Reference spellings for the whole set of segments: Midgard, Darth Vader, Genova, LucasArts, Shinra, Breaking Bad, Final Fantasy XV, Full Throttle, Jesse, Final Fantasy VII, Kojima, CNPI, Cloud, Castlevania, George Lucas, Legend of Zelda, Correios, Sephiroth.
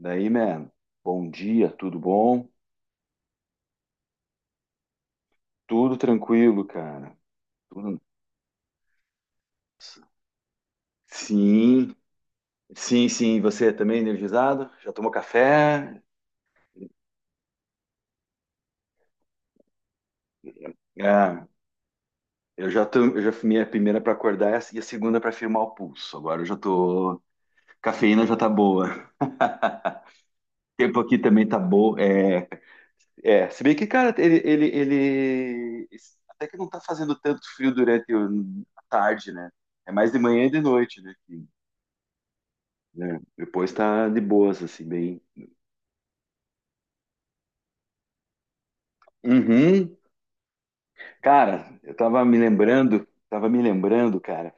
Daí, man, bom dia, tudo bom? Tudo tranquilo, cara. Tudo... Sim, sim, sim. Você também energizado? Já tomou café? Ah, eu já tô, eu já fumei a primeira para acordar e a segunda para firmar o pulso. Agora eu já tô. Cafeína já tá boa. O tempo aqui também tá bom. É, é. Se bem que, cara, ele até que não tá fazendo tanto frio durante a tarde, né? É mais de manhã e de noite, né? Depois tá de boas, assim, bem. Uhum. Cara, eu tava me lembrando, cara,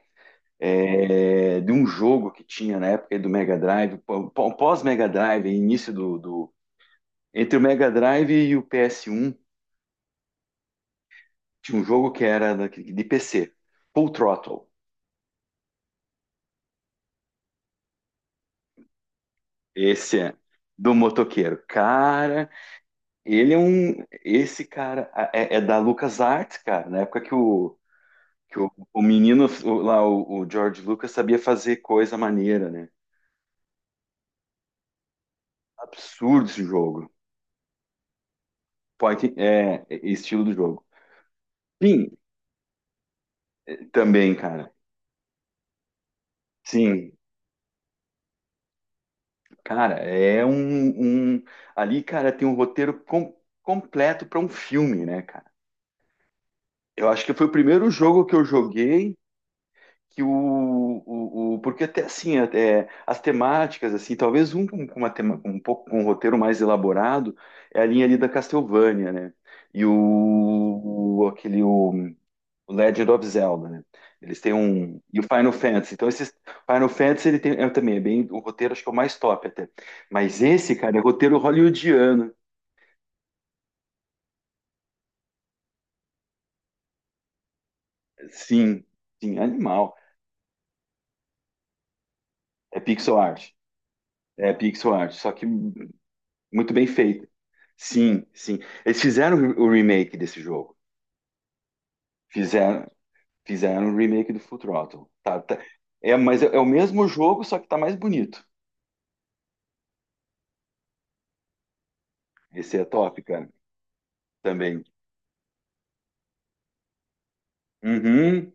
de um jogo que tinha na época do Mega Drive, pós-Mega Drive, início entre o Mega Drive e o PS1, tinha um jogo que era de PC, Full Throttle. Esse é do motoqueiro. Cara, ele é um. Esse cara é, é da LucasArts, cara, na época que o menino o George Lucas, sabia fazer coisa maneira, né? Absurdo esse jogo. Point, é, é estilo do jogo. Sim, também, cara. Sim, cara, ali, cara, tem um roteiro completo para um filme, né, cara? Eu acho que foi o primeiro jogo que eu joguei que porque até assim, até as temáticas assim, talvez um com uma tema, com um pouco com um roteiro mais elaborado é a linha ali da Castlevania, né? E o- aquele o Legend of Zelda, né? Eles têm um. E o Final Fantasy. Então, esses. Final Fantasy ele tem é, também, é bem. O roteiro acho que é o mais top até. Mas esse, cara, é roteiro hollywoodiano. Sim, sim, animal. É pixel art. É pixel art, só que muito bem feito. Sim, sim. Eles fizeram o remake desse jogo. Fizeram, fizeram o remake do Full Throttle. É, mas é, é o mesmo jogo, só que tá mais bonito. Esse é top, cara. Também. Uhum.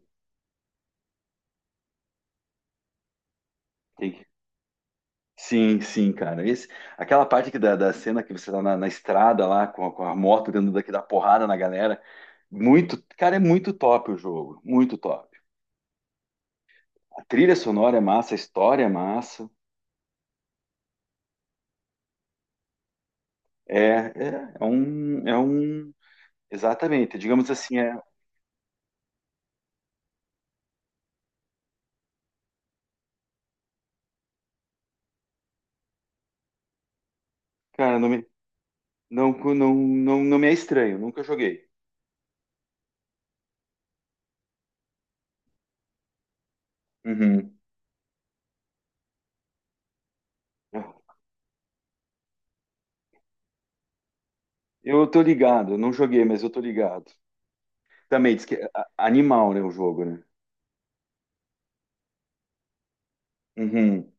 Tem que- Sim, sim, cara. Esse, aquela parte da cena que você tá na, na estrada lá com a moto dentro daqui da porrada na galera. Muito, cara, é muito top o jogo, muito top. A trilha sonora é massa, a história é massa. É um, exatamente. Digamos assim, cara, não, não, não, não me é estranho. Nunca joguei. Uhum. Eu tô ligado, eu não joguei, mas eu tô ligado. Também diz que é animal, né, o jogo, né? Uhum.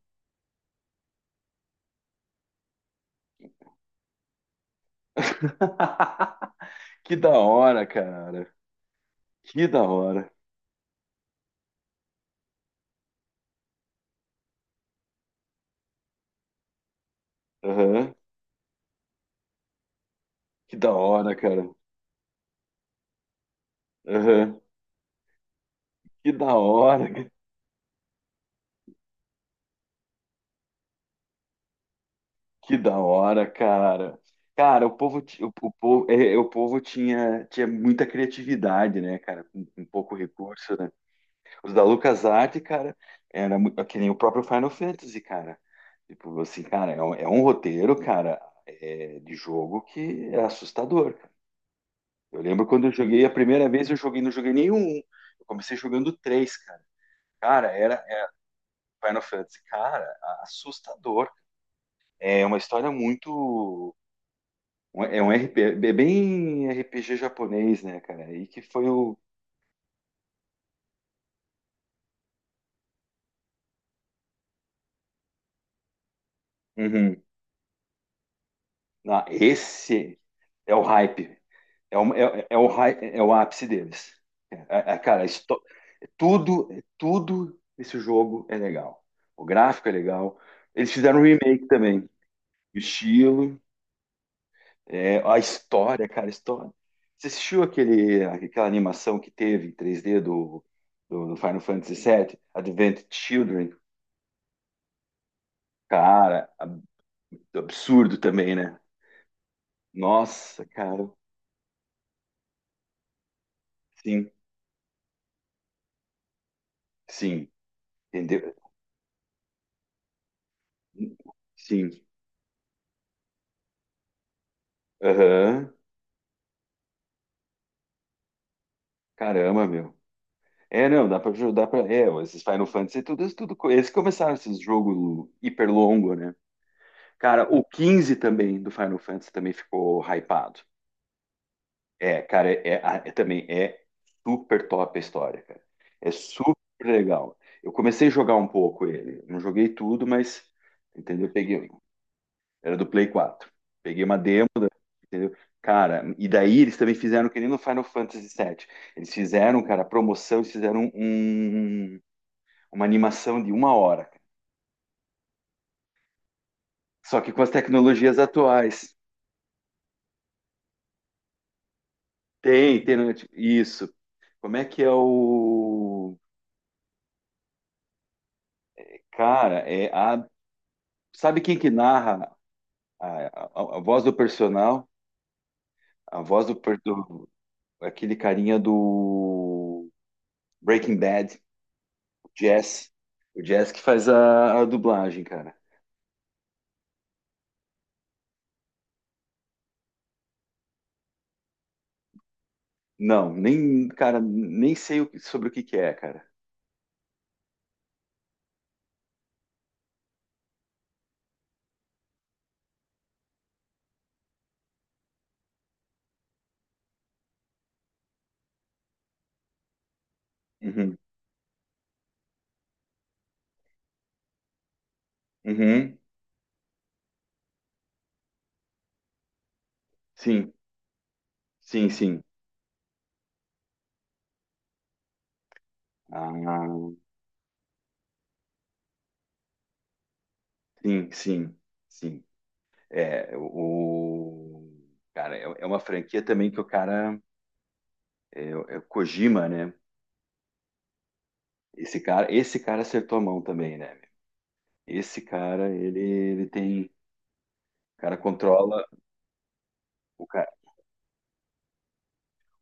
Que da hora, cara. Que da hora. Aham. Que da hora, cara. Aham. Que da hora. ca- Que da hora, cara. Cara, o povo, o povo tinha muita criatividade, né, cara? Com pouco recurso, né? Os da LucasArts, cara, é que nem o próprio Final Fantasy, cara. Tipo, assim, cara, é um roteiro, cara, de jogo que é assustador, cara. Eu lembro quando eu joguei a primeira vez, eu joguei, não joguei nenhum. Eu comecei jogando três, cara. Cara, era Final Fantasy. Cara, assustador. É uma história muito. É um RPG, é bem RPG japonês, né, cara? E que foi o. Uhum. Ah, esse é o hype. É o, é o ápice deles. É, é, cara, esto- tudo, tudo esse jogo é legal. O gráfico é legal. Eles fizeram um remake também. O estilo. É, a história, cara, a história. Você assistiu aquele, aquela animação que teve em três d do Final Fantasy VII, Advent Children? Cara, absurdo também, né? Nossa, cara, sim, sim, entendeu? Sim, aham. Caramba, meu. É, não, dá pra ajudar pra. É, esses Final Fantasy, tudo, tudo. Co- Eles começaram esses jogos hiper longo, né? Cara, o 15 também do Final Fantasy também ficou hypado. É, cara, ah, é também é super top a história, cara. É super legal. Eu comecei a jogar um pouco ele. Não joguei tudo, mas entendeu? Peguei. Era do Play 4. Peguei uma demo, entendeu? Cara, e daí eles também fizeram que nem no Final Fantasy VII. Eles fizeram, cara, promoção, eles fizeram um, uma animação de uma hora. Só que com as tecnologias atuais. Tem, tem. Né, tipo, isso. Como é que é o. Cara, é a. Sabe quem que narra a, a voz do personal, a voz aquele carinha do Breaking Bad, o Jesse. O Jesse que faz a dublagem, cara. Não, nem, cara, nem sei o que- sobre o que que é, cara. Uhum, uhum, sim, sim, sim. Ah, sim, sim, sim. É, o... Cara, é é uma franquia também que o cara... É, é o Kojima, né? Esse cara acertou a mão também, né? Esse cara, ele tem. O cara controla. O cara,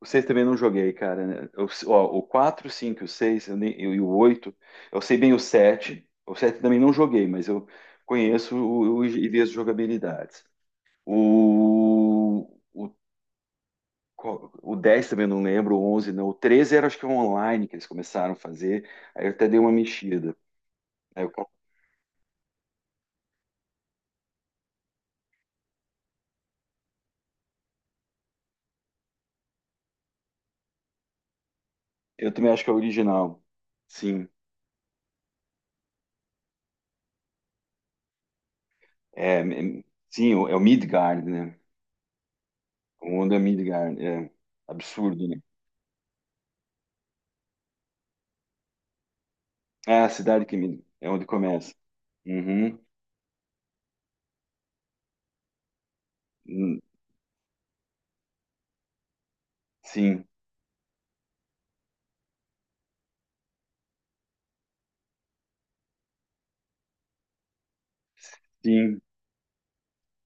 o 6 também não joguei, cara. Né? O, ó, o 4, o 5, o 6 eu nem- eu- e o oito. Eu sei bem o 7. O 7 também não joguei, mas eu conheço e vi as jogabilidades. O, o, o 10 também eu não lembro, o 11 não. O 13 era acho que online que eles começaram a fazer. Aí eu até dei uma mexida. Aí eu, eu também acho que é o original. Sim. É, é- sim, é o Midgard, né? Onda Midgard, é absurdo, né? Ah, a cidade que Mid- é onde começa. Uhum. Hum, sim, sim,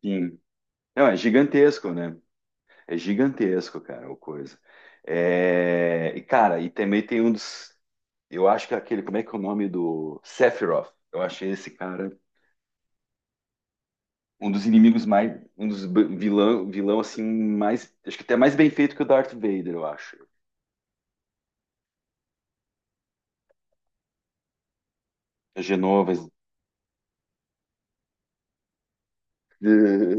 sim. Não, é gigantesco, né? É gigantesco, cara, o coisa. É, e, cara, e também tem um dos. Eu acho que é aquele. Como é que é o nome do. Sephiroth. Eu achei esse cara um dos inimigos mais. Vilão, vilão assim, mais. Acho que até mais bem feito que o Darth Vader, eu acho. A Genovas. eh,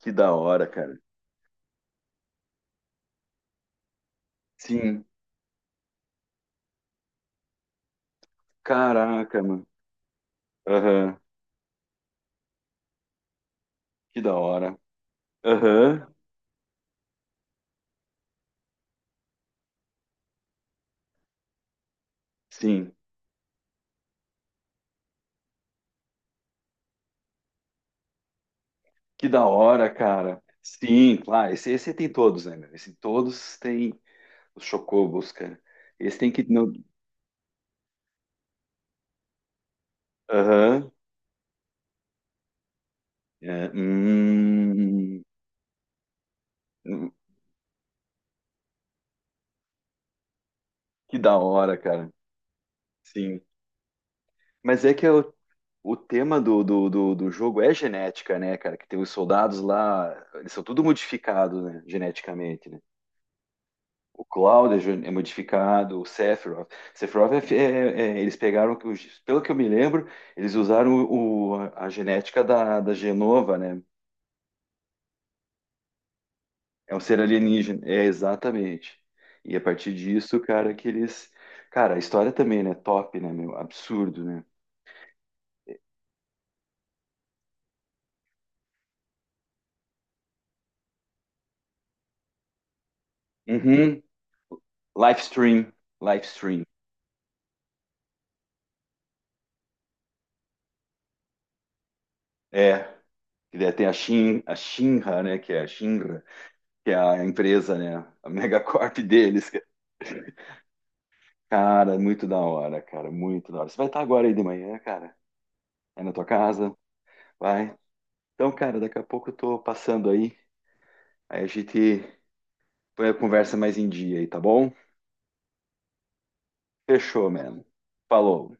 que da hora, cara. Sim. Caraca, mano. Aham. Que da hora. Aham. Sim. Que da hora, cara. Sim, claro. Esse tem todos, né, meu? Esse todos tem os chocobos, cara. Esse tem que. Não- Aham. É, hum. Que da hora, cara. Sim. Mas é que o tema do jogo é genética, né, cara? Que tem os soldados lá. Eles são tudo modificados, né? Geneticamente, né? O Cloud é modificado, o Sephiroth. Sephiroth é, fi- é- é- eles pegaram, que os- pelo que eu me lembro, eles usaram o, a genética da Genova, né? É um ser alienígena. É, exatamente. E a partir disso, cara, que eles. Cara, a história também, né? Top, né, meu? Absurdo, né? Uhum. Livestream. Livestream. É. E daí tem a Shin, a Shinra, né? Que é a Shinra, que é a empresa, né? A megacorp deles. Cara, muito da hora, cara, muito da hora. Você vai estar agora aí de manhã, cara? É na tua casa? Vai. Então, cara, daqui a pouco eu tô passando aí. Aí a gente põe a conversa mais em dia aí, tá bom? Fechou, mano. Falou.